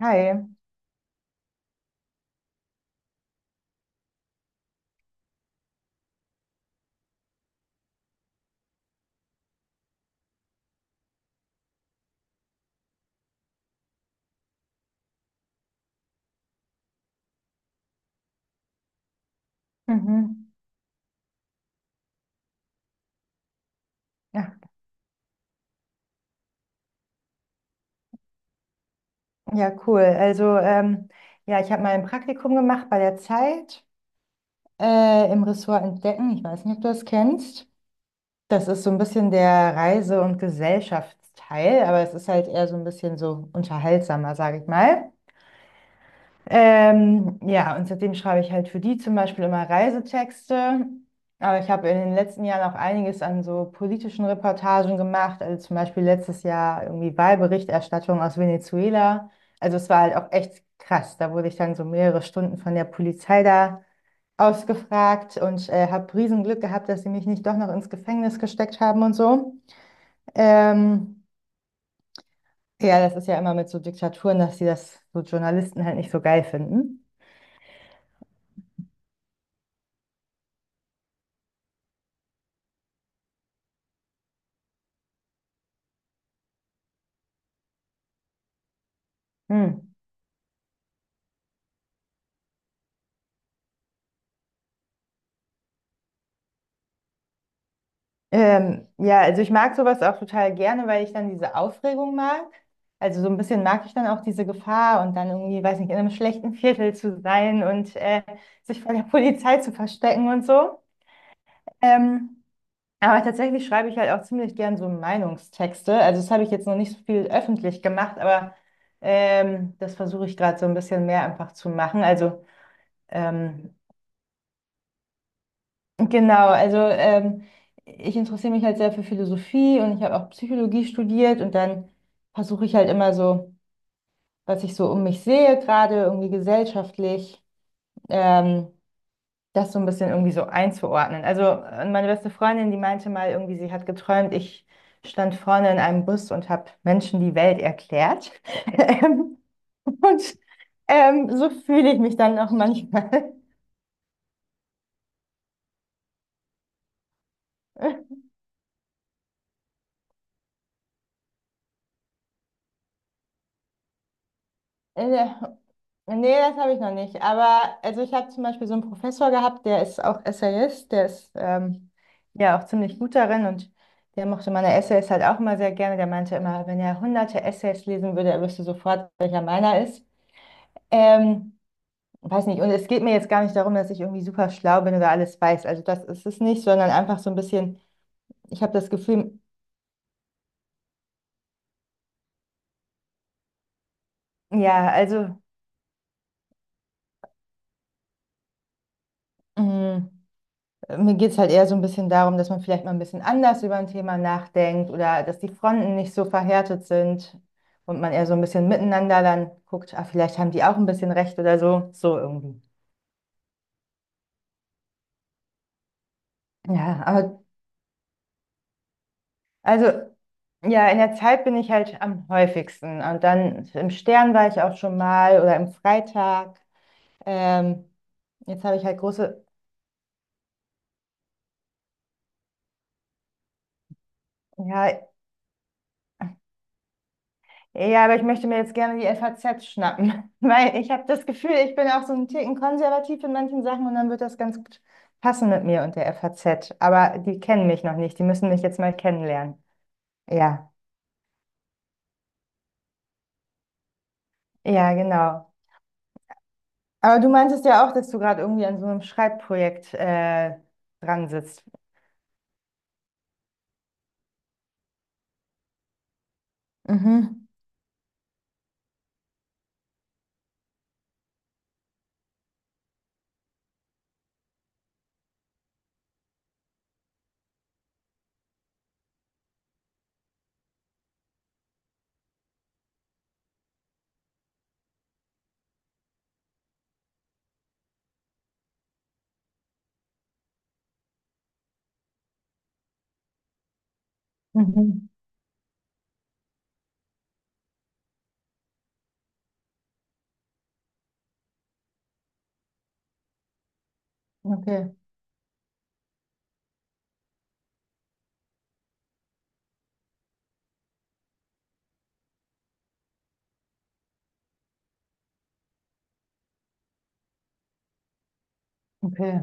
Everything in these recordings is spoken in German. Hi. Mhm. Ja, ja, cool. Also, ja, ich habe mal ein Praktikum gemacht bei der Zeit im Ressort Entdecken. Ich weiß nicht, ob du das kennst. Das ist so ein bisschen der Reise- und Gesellschaftsteil, aber es ist halt eher so ein bisschen so unterhaltsamer, sage ich mal. Ja, und seitdem schreibe ich halt für die zum Beispiel immer Reisetexte. Aber ich habe in den letzten Jahren auch einiges an so politischen Reportagen gemacht. Also zum Beispiel letztes Jahr irgendwie Wahlberichterstattung aus Venezuela. Also es war halt auch echt krass. Da wurde ich dann so mehrere Stunden von der Polizei da ausgefragt und habe Riesenglück gehabt, dass sie mich nicht doch noch ins Gefängnis gesteckt haben und so. Ähm, ja, das ist ja immer mit so Diktaturen, dass sie das so Journalisten halt nicht so geil finden. Hm. Ja, also ich mag sowas auch total gerne, weil ich dann diese Aufregung mag. Also so ein bisschen mag ich dann auch diese Gefahr und dann irgendwie, weiß nicht, in einem schlechten Viertel zu sein und sich vor der Polizei zu verstecken und so. Ähm, aber tatsächlich schreibe ich halt auch ziemlich gern so Meinungstexte. Also das habe ich jetzt noch nicht so viel öffentlich gemacht, aber das versuche ich gerade so ein bisschen mehr einfach zu machen. Also ähm, Genau, also ich interessiere mich halt sehr für Philosophie und ich habe auch Psychologie studiert und dann versuche ich halt immer so, was ich so um mich sehe, gerade irgendwie gesellschaftlich, ähm, das so ein bisschen irgendwie so einzuordnen. Also meine beste Freundin, die meinte mal irgendwie, sie hat geträumt, ich stand vorne in einem Bus und habe Menschen die Welt erklärt. Ähm, und so fühle ich mich dann auch manchmal. Äh, Nee, das habe ich noch nicht. Aber also ich habe zum Beispiel so einen Professor gehabt, der ist auch Essayist, der ist ja auch ziemlich gut darin und der mochte meine Essays halt auch immer sehr gerne. Der meinte immer, wenn er hunderte Essays lesen würde, er wüsste sofort, welcher meiner ist. Ähm, weiß nicht, und es geht mir jetzt gar nicht darum, dass ich irgendwie super schlau bin oder alles weiß. Also das ist es nicht, sondern einfach so ein bisschen, ich habe das Gefühl, ja, also. mm, Mir geht es halt eher so ein bisschen darum, dass man vielleicht mal ein bisschen anders über ein Thema nachdenkt oder dass die Fronten nicht so verhärtet sind und man eher so ein bisschen miteinander dann guckt, ah, vielleicht haben die auch ein bisschen recht oder so, so irgendwie. Ja, aber also ja, in der Zeit bin ich halt am häufigsten und dann im Stern war ich auch schon mal oder im Freitag. Ähm, jetzt habe ich halt große, ja, Ja, aber ich möchte mir jetzt gerne die FAZ schnappen, weil ich habe das Gefühl, ich bin auch so einen Ticken konservativ in manchen Sachen und dann wird das ganz gut passen mit mir und der FAZ. Aber die kennen mich noch nicht, die müssen mich jetzt mal kennenlernen. Ja, ja, genau. Aber du meintest ja auch, dass du gerade irgendwie an so einem Schreibprojekt dran sitzt. Mhm. Mhm. Okay, okay.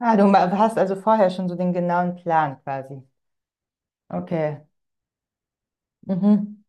Ah, du hast also vorher schon so den genauen Plan quasi. Okay. Mhm.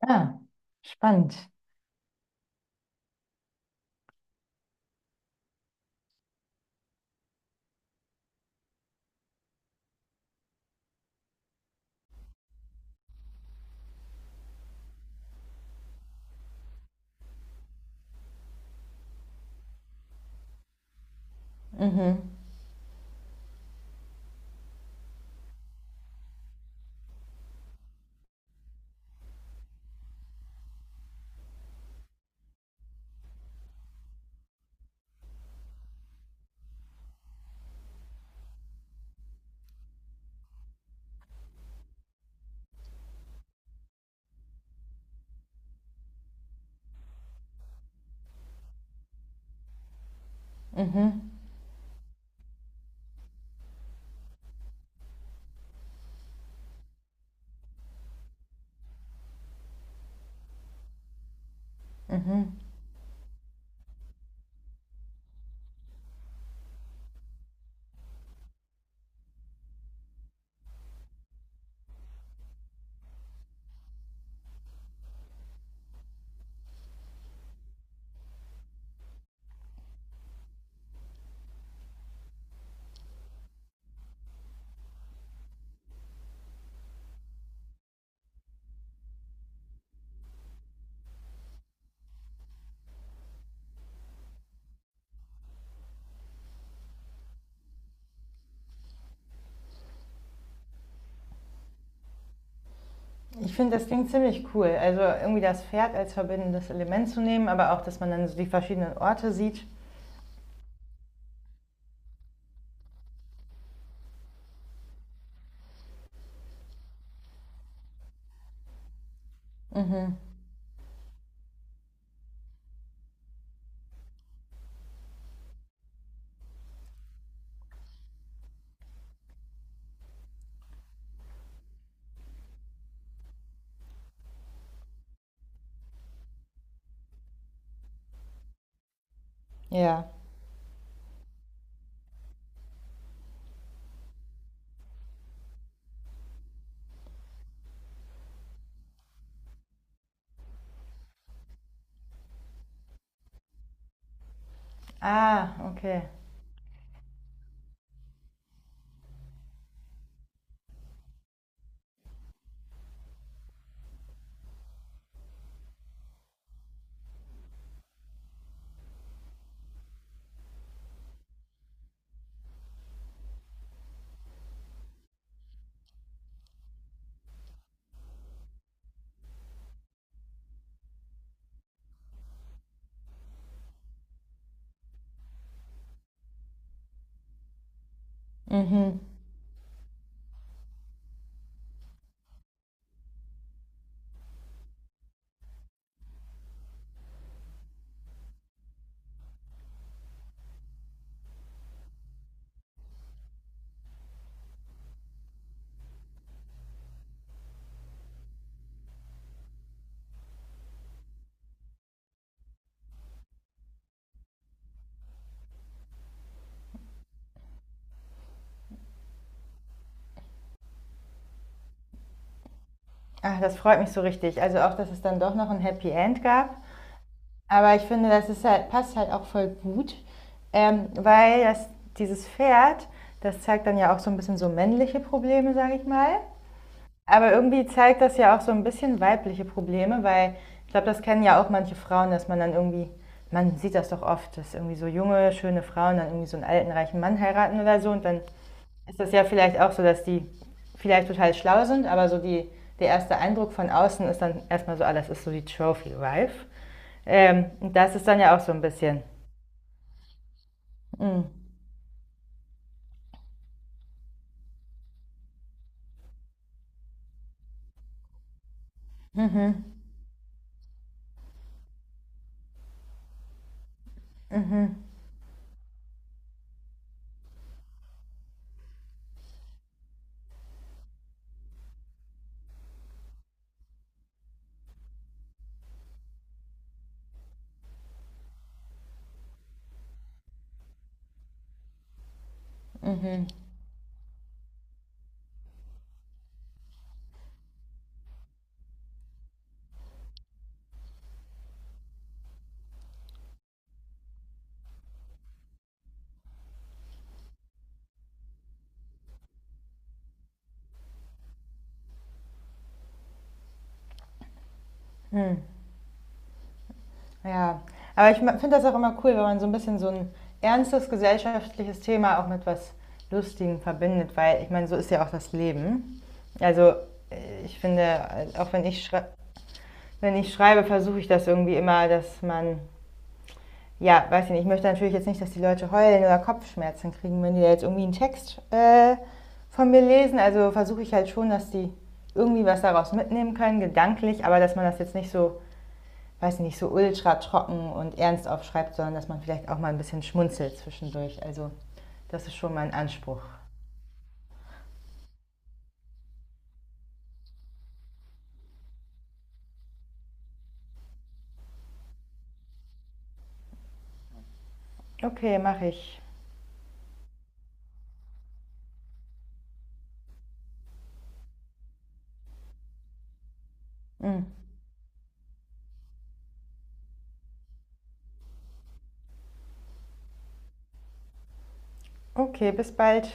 Ah, spannend. Mhm. Mhm. Mhm. Ich finde das Ding ziemlich cool. Also irgendwie das Pferd als verbindendes Element zu nehmen, aber auch, dass man dann so die verschiedenen Orte sieht. Mhm. Ja. Ah, okay. Mhm. Ach, das freut mich so richtig. Also auch, dass es dann doch noch ein Happy End gab. Aber ich finde, das ist halt, passt halt auch voll gut, weil das, dieses Pferd, das zeigt dann ja auch so ein bisschen so männliche Probleme, sage ich mal. Aber irgendwie zeigt das ja auch so ein bisschen weibliche Probleme, weil ich glaube, das kennen ja auch manche Frauen, dass man dann irgendwie, man sieht das doch oft, dass irgendwie so junge, schöne Frauen dann irgendwie so einen alten, reichen Mann heiraten oder so. Und dann ist das ja vielleicht auch so, dass die vielleicht total schlau sind, aber so die, der erste Eindruck von außen ist dann erstmal so, ah, das ist so die Trophy Wife. Und das ist dann ja auch so ein bisschen. Mm, mhm, mm. Ja, aber ich finde das auch immer cool, wenn man so ein bisschen so ein ernstes gesellschaftliches Thema auch mit was Lustigem verbindet, weil ich meine, so ist ja auch das Leben. Also ich finde, auch wenn ich, schrei wenn ich schreibe, versuche ich das irgendwie immer, dass man, ja, weiß ich nicht, ich möchte natürlich jetzt nicht, dass die Leute heulen oder Kopfschmerzen kriegen, wenn die da jetzt irgendwie einen Text von mir lesen. Also versuche ich halt schon, dass die irgendwie was daraus mitnehmen können, gedanklich, aber dass man das jetzt nicht so weiß nicht, so ultra trocken und ernst aufschreibt, sondern dass man vielleicht auch mal ein bisschen schmunzelt zwischendurch. Also das ist schon mein Anspruch. Okay, mache ich. Mm. Okay, bis bald.